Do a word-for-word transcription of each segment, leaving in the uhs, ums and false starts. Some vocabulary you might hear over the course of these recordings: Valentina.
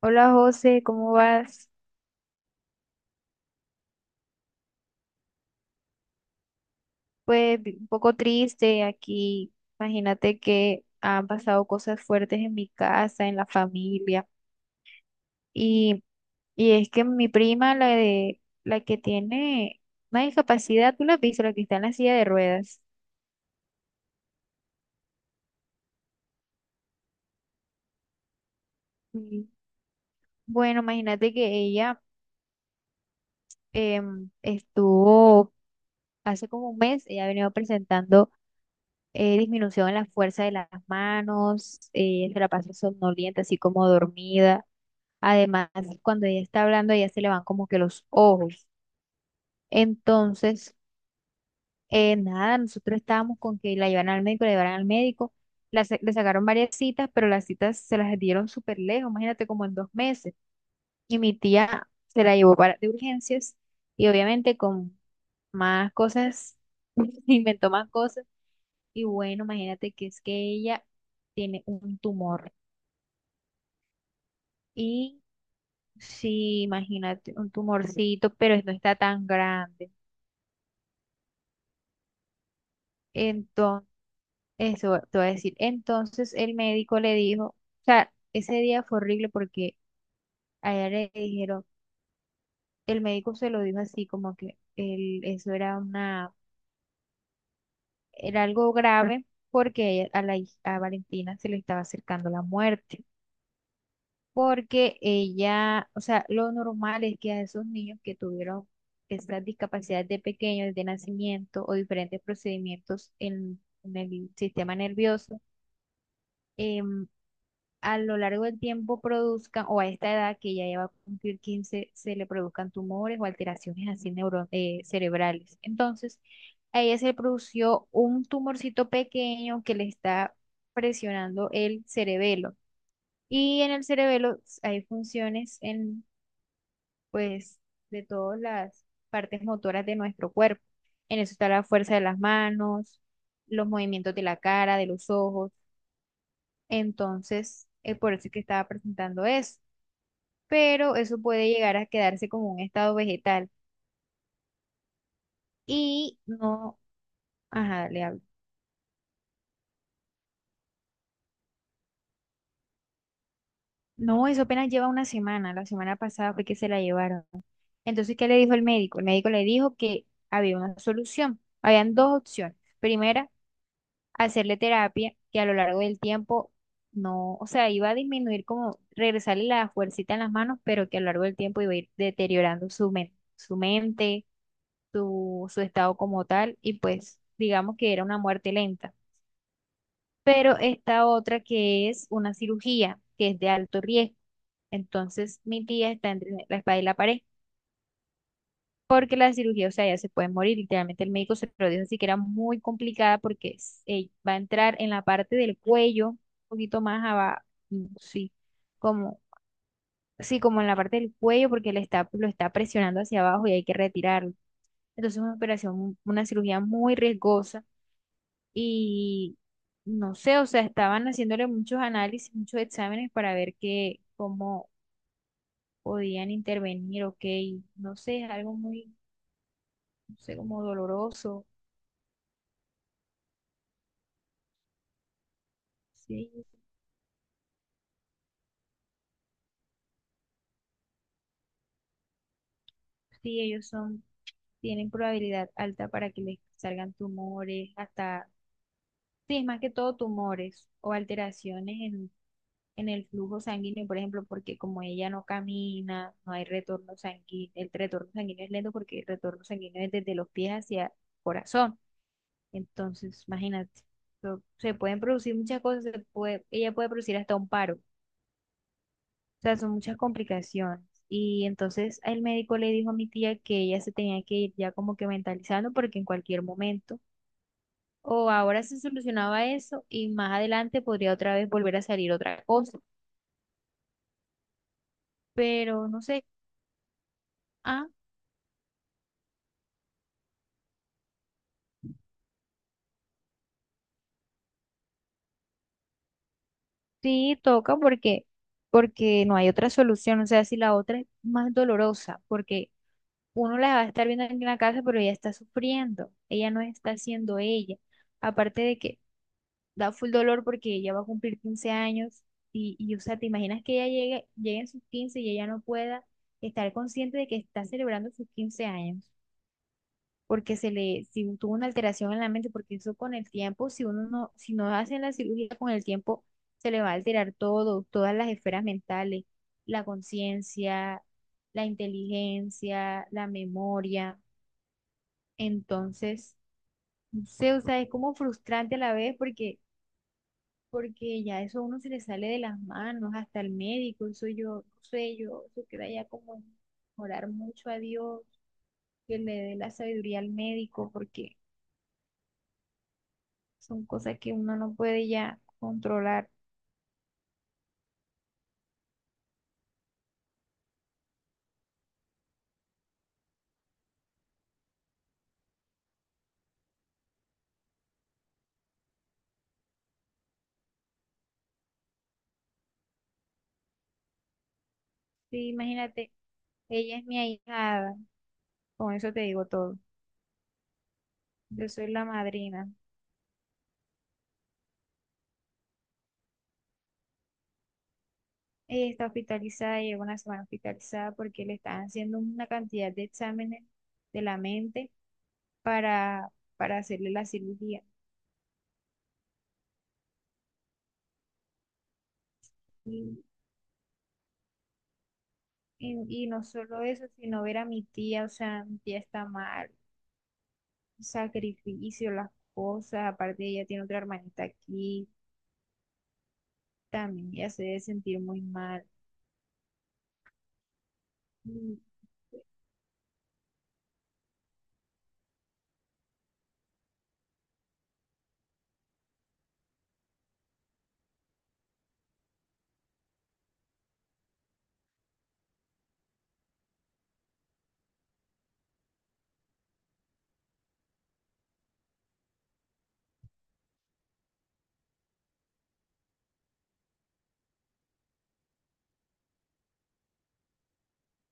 Hola José, ¿cómo vas? Pues vi- un poco triste aquí. Imagínate que han pasado cosas fuertes en mi casa, en la familia. Y, y es que mi prima, la de, la que tiene una discapacidad, tú la has visto, la que está en la silla de ruedas. Sí. Bueno, imagínate que ella em, estuvo hace como un mes. Ella ha venido presentando eh, disminución en la fuerza de las manos. Eh, se la pasa somnolienta, así como dormida. Además, cuando ella está hablando, ella se le van como que los ojos. Entonces, eh, nada, nosotros estábamos con que la llevaran al médico, la llevaran al médico. La sa- le sacaron varias citas, pero las citas se las dieron súper lejos, imagínate como en dos meses. Y mi tía se la llevó para de urgencias y obviamente con más cosas, inventó más cosas. Y bueno, imagínate que es que ella tiene un tumor. Y sí, imagínate, un tumorcito, pero no está tan grande. Entonces, eso te voy a decir. Entonces el médico le dijo, o sea, ese día fue horrible porque a ella le dijeron, el médico se lo dijo así como que el, eso era una, era algo grave porque ella- a la, hij- a Valentina se le estaba acercando la muerte. Porque ella, o sea, lo normal es que a esos niños que tuvieron estas discapacidades de pequeños, de nacimiento o diferentes procedimientos en en el sistema nervioso, em, a lo largo del tiempo produzcan, o a esta edad que ya lleva a cumplir quince se le produzcan tumores o alteraciones así neuro- eh, cerebrales. Entonces, a ella se le produjo un tumorcito pequeño que le está presionando el cerebelo. Y en el cerebelo s- hay funciones en, pues, de todas las partes motoras de nuestro cuerpo. En eso está la fuerza de las manos, los movimientos de la cara, de los ojos. Entonces, es por eso que estaba presentando eso, pero eso puede llegar a quedarse como un estado vegetal. Y no, ajá, le hablo. No, eso apenas lleva una semana, la semana pasada fue que se la llevaron. Entonces, ¿qué le dijo el médico? El médico le dijo que había una solución, habían dos opciones. Primera, hacerle terapia que a lo largo del tiempo no, o sea, iba a disminuir como regresarle la fuercita en las manos, pero que a lo largo del tiempo iba a ir deteriorando su mente, su mente, su, su estado como tal, y pues digamos que era una muerte lenta. Pero esta otra que es una cirugía, que es de alto riesgo. Entonces, mi tía está entre la espada y la pared, porque la cirugía, o sea, ella se puede morir, literalmente el médico se lo dijo así, que era muy complicada porque es- eh, va a entrar en la parte del cuello, un poquito más abajo, sí, como, sí, como en la parte del cuello, porque le está, lo está presionando hacia abajo y hay que retirarlo. Entonces, es una operación, una cirugía muy riesgosa y no sé, o sea, estaban haciéndole muchos análisis, muchos exámenes para ver qué, cómo podían intervenir, ok, no sé, es algo muy, no sé, como doloroso. Sí, sí, ellos son, tienen probabilidad alta para que les salgan tumores. Hasta, sí, es más que todo tumores o alteraciones en, en el flujo sanguíneo, por ejemplo, porque como ella no camina, no hay retorno sanguíneo, el retorno sanguíneo es lento porque el retorno sanguíneo es desde los pies hacia el corazón. Entonces, imagínate, so- se pueden producir muchas cosas, se puede, ella puede producir hasta un paro. O sea, son muchas complicaciones. Y entonces el médico le dijo a mi tía que ella se tenía que ir ya como que mentalizando porque en cualquier momento o ahora se solucionaba eso y más adelante podría otra vez volver a salir otra cosa. Pero no sé, ah, sí toca porque porque no hay otra solución. O sea, si la otra es más dolorosa, porque uno la va a estar viendo aquí en la casa, pero ella está sufriendo, ella no está siendo ella. Aparte de que da full dolor porque ella va a cumplir quince años y, y o sea, te imaginas que ella llegue, llegue en sus quince y ella no pueda estar consciente de que está celebrando sus quince años, porque se le, si tuvo una alteración en la mente, porque eso con el tiempo, si uno no, si no hacen la cirugía con el tiempo, se le va a alterar todo, todas las esferas mentales, la conciencia, la inteligencia, la memoria. Entonces, no sé, o sea, es como frustrante a la vez porque, porque ya eso a uno se le sale de las manos, hasta el médico, eso yo, no sé, yo, eso queda ya como orar mucho a Dios, que le dé la sabiduría al médico, porque son cosas que uno no puede ya controlar. Sí, imagínate, ella es mi ahijada, con eso te digo todo. Yo soy la madrina. Ella está hospitalizada, lleva una semana hospitalizada porque le están haciendo una cantidad de exámenes de la mente para, para hacerle la cirugía. Y, y, y no solo eso, sino ver a mi tía, o sea, mi tía está mal, sacrificio, las cosas, aparte ella tiene otra hermanita aquí, también ella se debe sentir muy mal. Y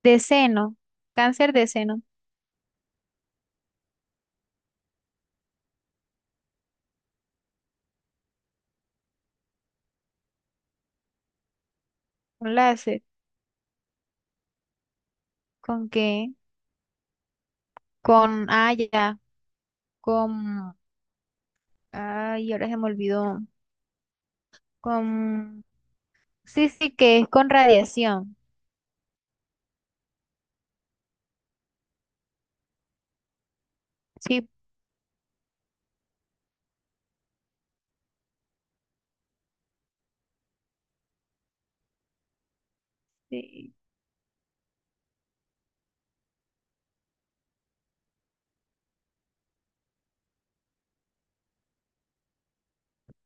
de seno, cáncer de seno, un láser. ¿Con qué? Con, ah, ya, con, ay, ahora se me olvidó. Con... Sí, sí, que es con radiación. Sí, sí,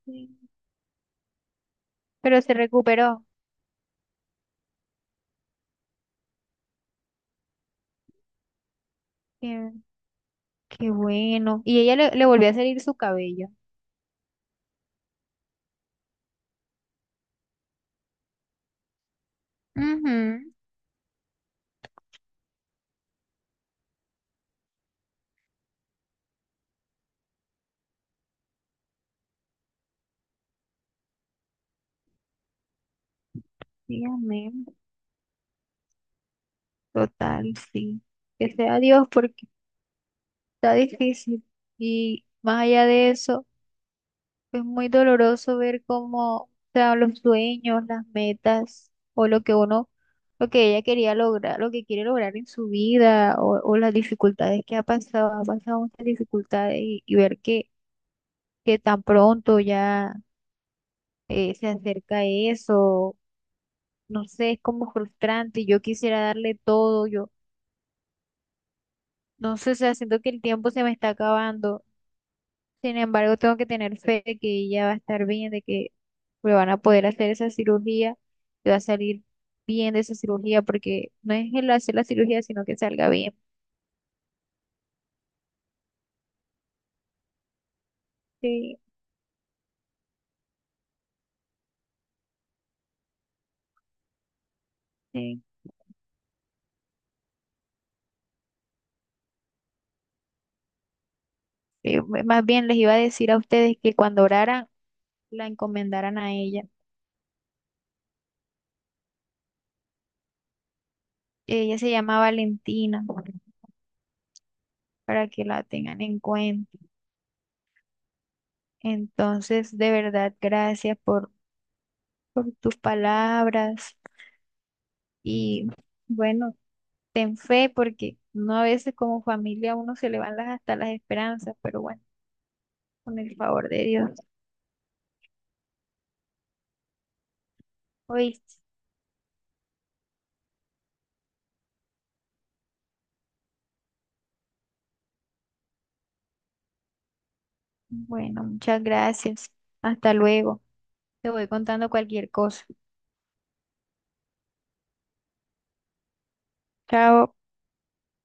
sí. Pero se recuperó. Qué, qué bueno. Y ella le, le volvió a salir su cabello. Ujú. Sí, amén. Total, sí. Que sea Dios porque está difícil. Y más allá de eso. Es muy doloroso ver cómo, o sea, los sueños, las metas o lo que uno, lo que ella quería lograr, lo que quiere lograr en su vida o, o las dificultades que ha pasado, ha pasado muchas dificultades y, y ver que, que tan pronto ya eh, se acerca eso, no sé, es como frustrante. Yo quisiera darle todo, yo no sé, o sea, siento que el tiempo se me está acabando. Sin embargo, tengo que tener fe de que ella va a estar bien, de que le van a poder hacer esa cirugía, que va a salir bien de esa cirugía, porque no es el hacer la cirugía, sino que salga bien. Sí, sí. Eh, Más bien les iba a decir a ustedes que cuando oraran, la encomendaran a ella. Ella se llama Valentina, para que la tengan en cuenta. Entonces, de verdad, gracias por, por tus palabras y bueno. Ten fe, porque no a veces como familia a uno se le van las, hasta las esperanzas, pero bueno, con el favor de Dios. ¿Oíste? Bueno, muchas gracias. Hasta luego. Te voy contando cualquier cosa. Chao.